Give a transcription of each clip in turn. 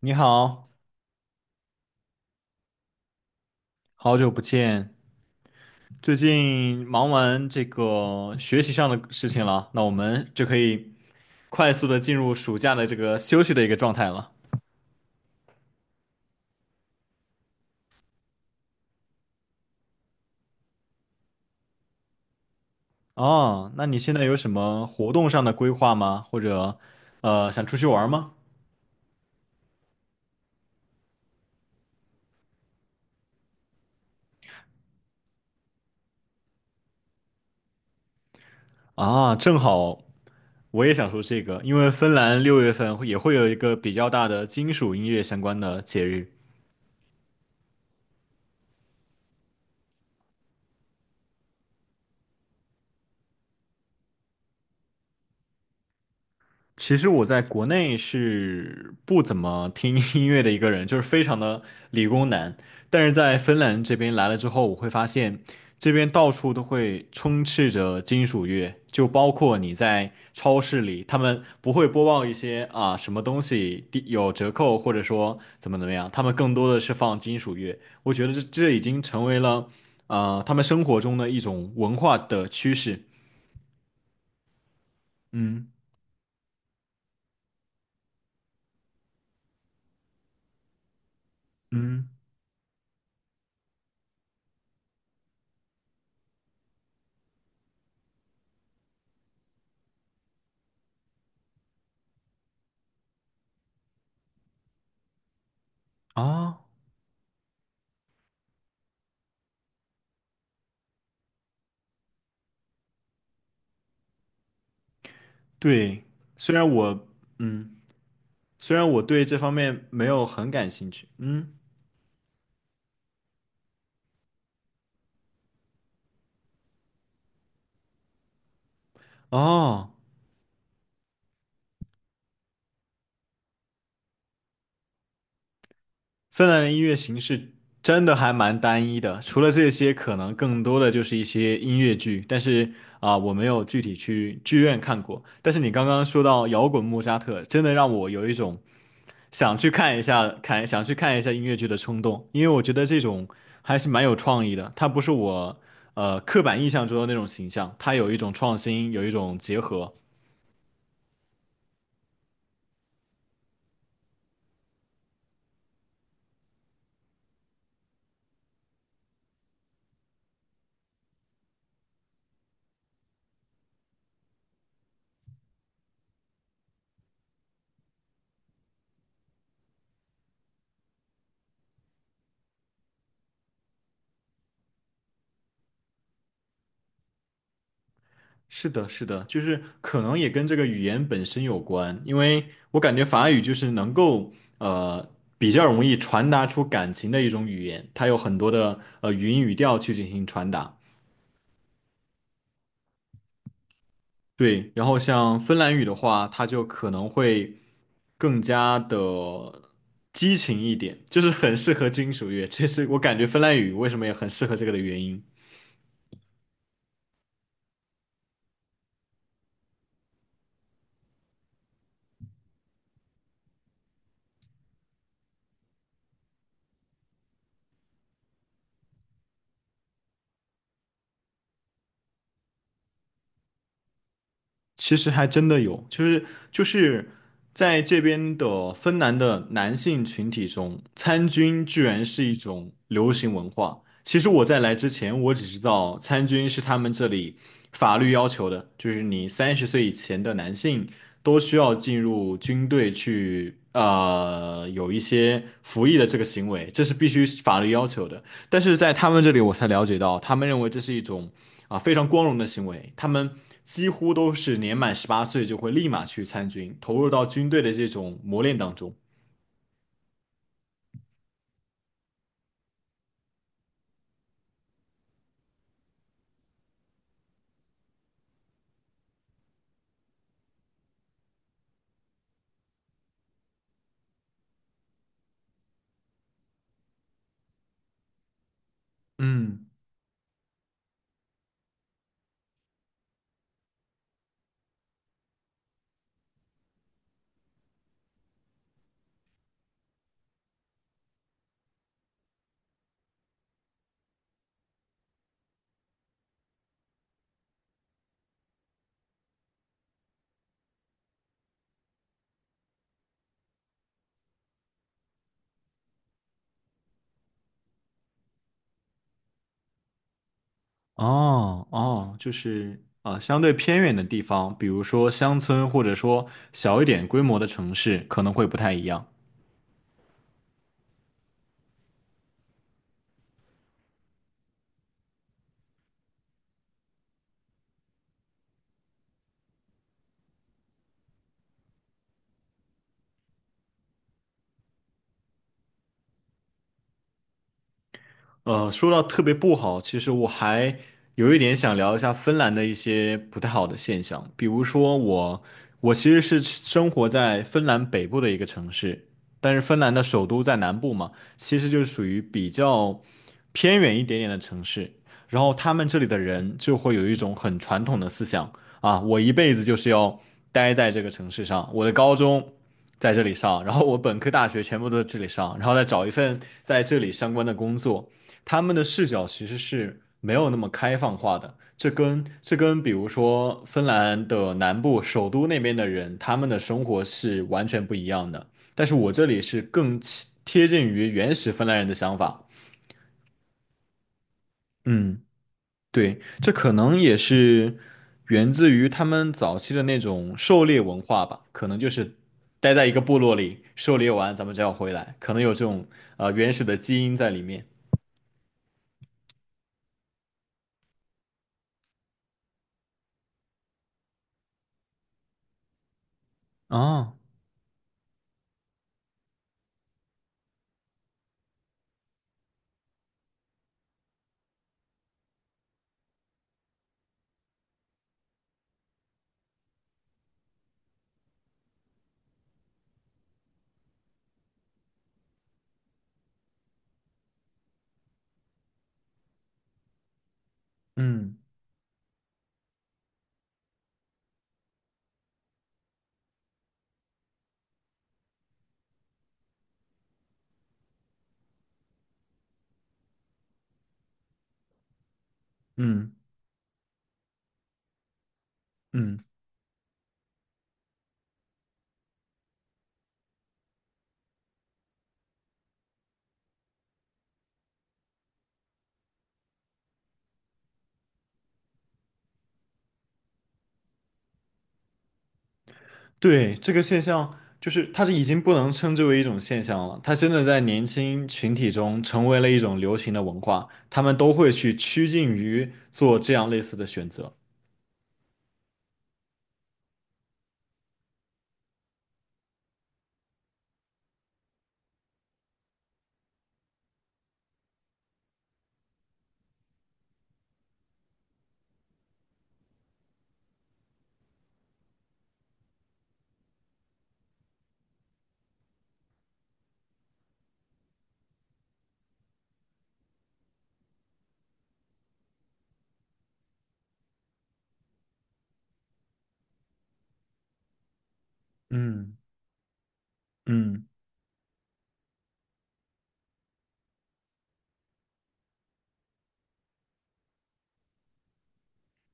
你好，好久不见。最近忙完这个学习上的事情了，那我们就可以快速的进入暑假的这个休息的一个状态了。哦，那你现在有什么活动上的规划吗？或者，想出去玩吗？啊，正好我也想说这个，因为芬兰6月份会也会有一个比较大的金属音乐相关的节日。其实我在国内是不怎么听 音乐的一个人，就是非常的理工男。但是在芬兰这边来了之后，我会发现这边到处都会充斥着金属乐，就包括你在超市里，他们不会播报一些啊什么东西低有折扣，或者说怎么怎么样，他们更多的是放金属乐。我觉得这已经成为了他们生活中的一种文化的趋势。嗯嗯啊，对，虽然我，嗯，虽然我对这方面没有很感兴趣，嗯，哦。芬兰的音乐形式真的还蛮单一的，除了这些，可能更多的就是一些音乐剧，但是啊、我没有具体去剧院看过。但是你刚刚说到摇滚莫扎特，真的让我有一种想去看一下，看想去看一下音乐剧的冲动，因为我觉得这种还是蛮有创意的，它不是我刻板印象中的那种形象，它有一种创新，有一种结合。是的，是的，就是可能也跟这个语言本身有关，因为我感觉法语就是能够呃比较容易传达出感情的一种语言，它有很多的语音语调去进行传达。对，然后像芬兰语的话，它就可能会更加的激情一点，就是很适合金属乐。这是我感觉芬兰语为什么也很适合这个的原因。其实还真的有，就是在这边的芬兰的男性群体中，参军居然是一种流行文化。其实我在来之前，我只知道参军是他们这里法律要求的，就是你30岁以前的男性都需要进入军队去，有一些服役的这个行为，这是必须法律要求的。但是在他们这里，我才了解到，他们认为这是一种。啊，非常光荣的行为。他们几乎都是年满18岁就会立马去参军，投入到军队的这种磨练当中。嗯，哦哦，就是啊，相对偏远的地方，比如说乡村，或者说小一点规模的城市，可能会不太一样。说到特别不好，其实我还有一点想聊一下芬兰的一些不太好的现象，比如说我，我其实是生活在芬兰北部的一个城市，但是芬兰的首都在南部嘛，其实就是属于比较偏远一点点的城市，然后他们这里的人就会有一种很传统的思想啊，我一辈子就是要待在这个城市上，我的高中。在这里上，然后我本科、大学全部都在这里上，然后再找一份在这里相关的工作，他们的视角其实是没有那么开放化的。这跟比如说芬兰的南部首都那边的人，他们的生活是完全不一样的。但是我这里是更贴近于原始芬兰人的想法。嗯，对，这可能也是源自于他们早期的那种狩猎文化吧，可能就是待在一个部落里狩猎完，咱们就要回来，可能有这种原始的基因在里面。哦，嗯嗯嗯，对，这个现象就是它是已经不能称之为一种现象了，它真的在年轻群体中成为了一种流行的文化，他们都会去趋近于做这样类似的选择。嗯嗯，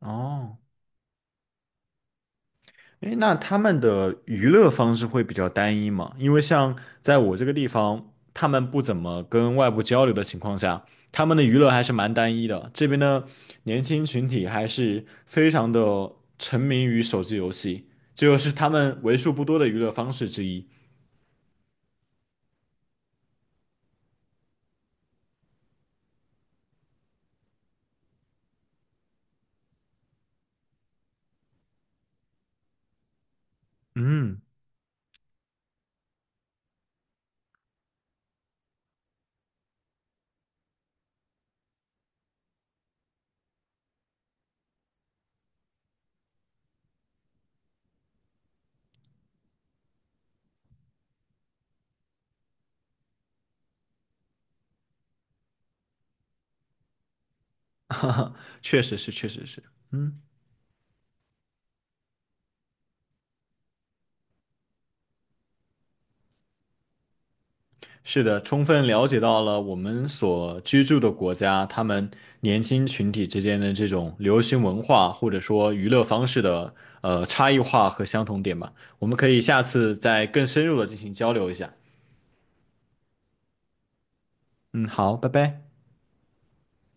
哦。诶，那他们的娱乐方式会比较单一吗？因为像在我这个地方，他们不怎么跟外部交流的情况下，他们的娱乐还是蛮单一的。这边的年轻群体还是非常的沉迷于手机游戏，这就是他们为数不多的娱乐方式之一。嗯，哈哈，确实是，确实是，嗯。是的，充分了解到了我们所居住的国家，他们年轻群体之间的这种流行文化或者说娱乐方式的差异化和相同点吧。我们可以下次再更深入的进行交流一下。嗯，好，拜拜。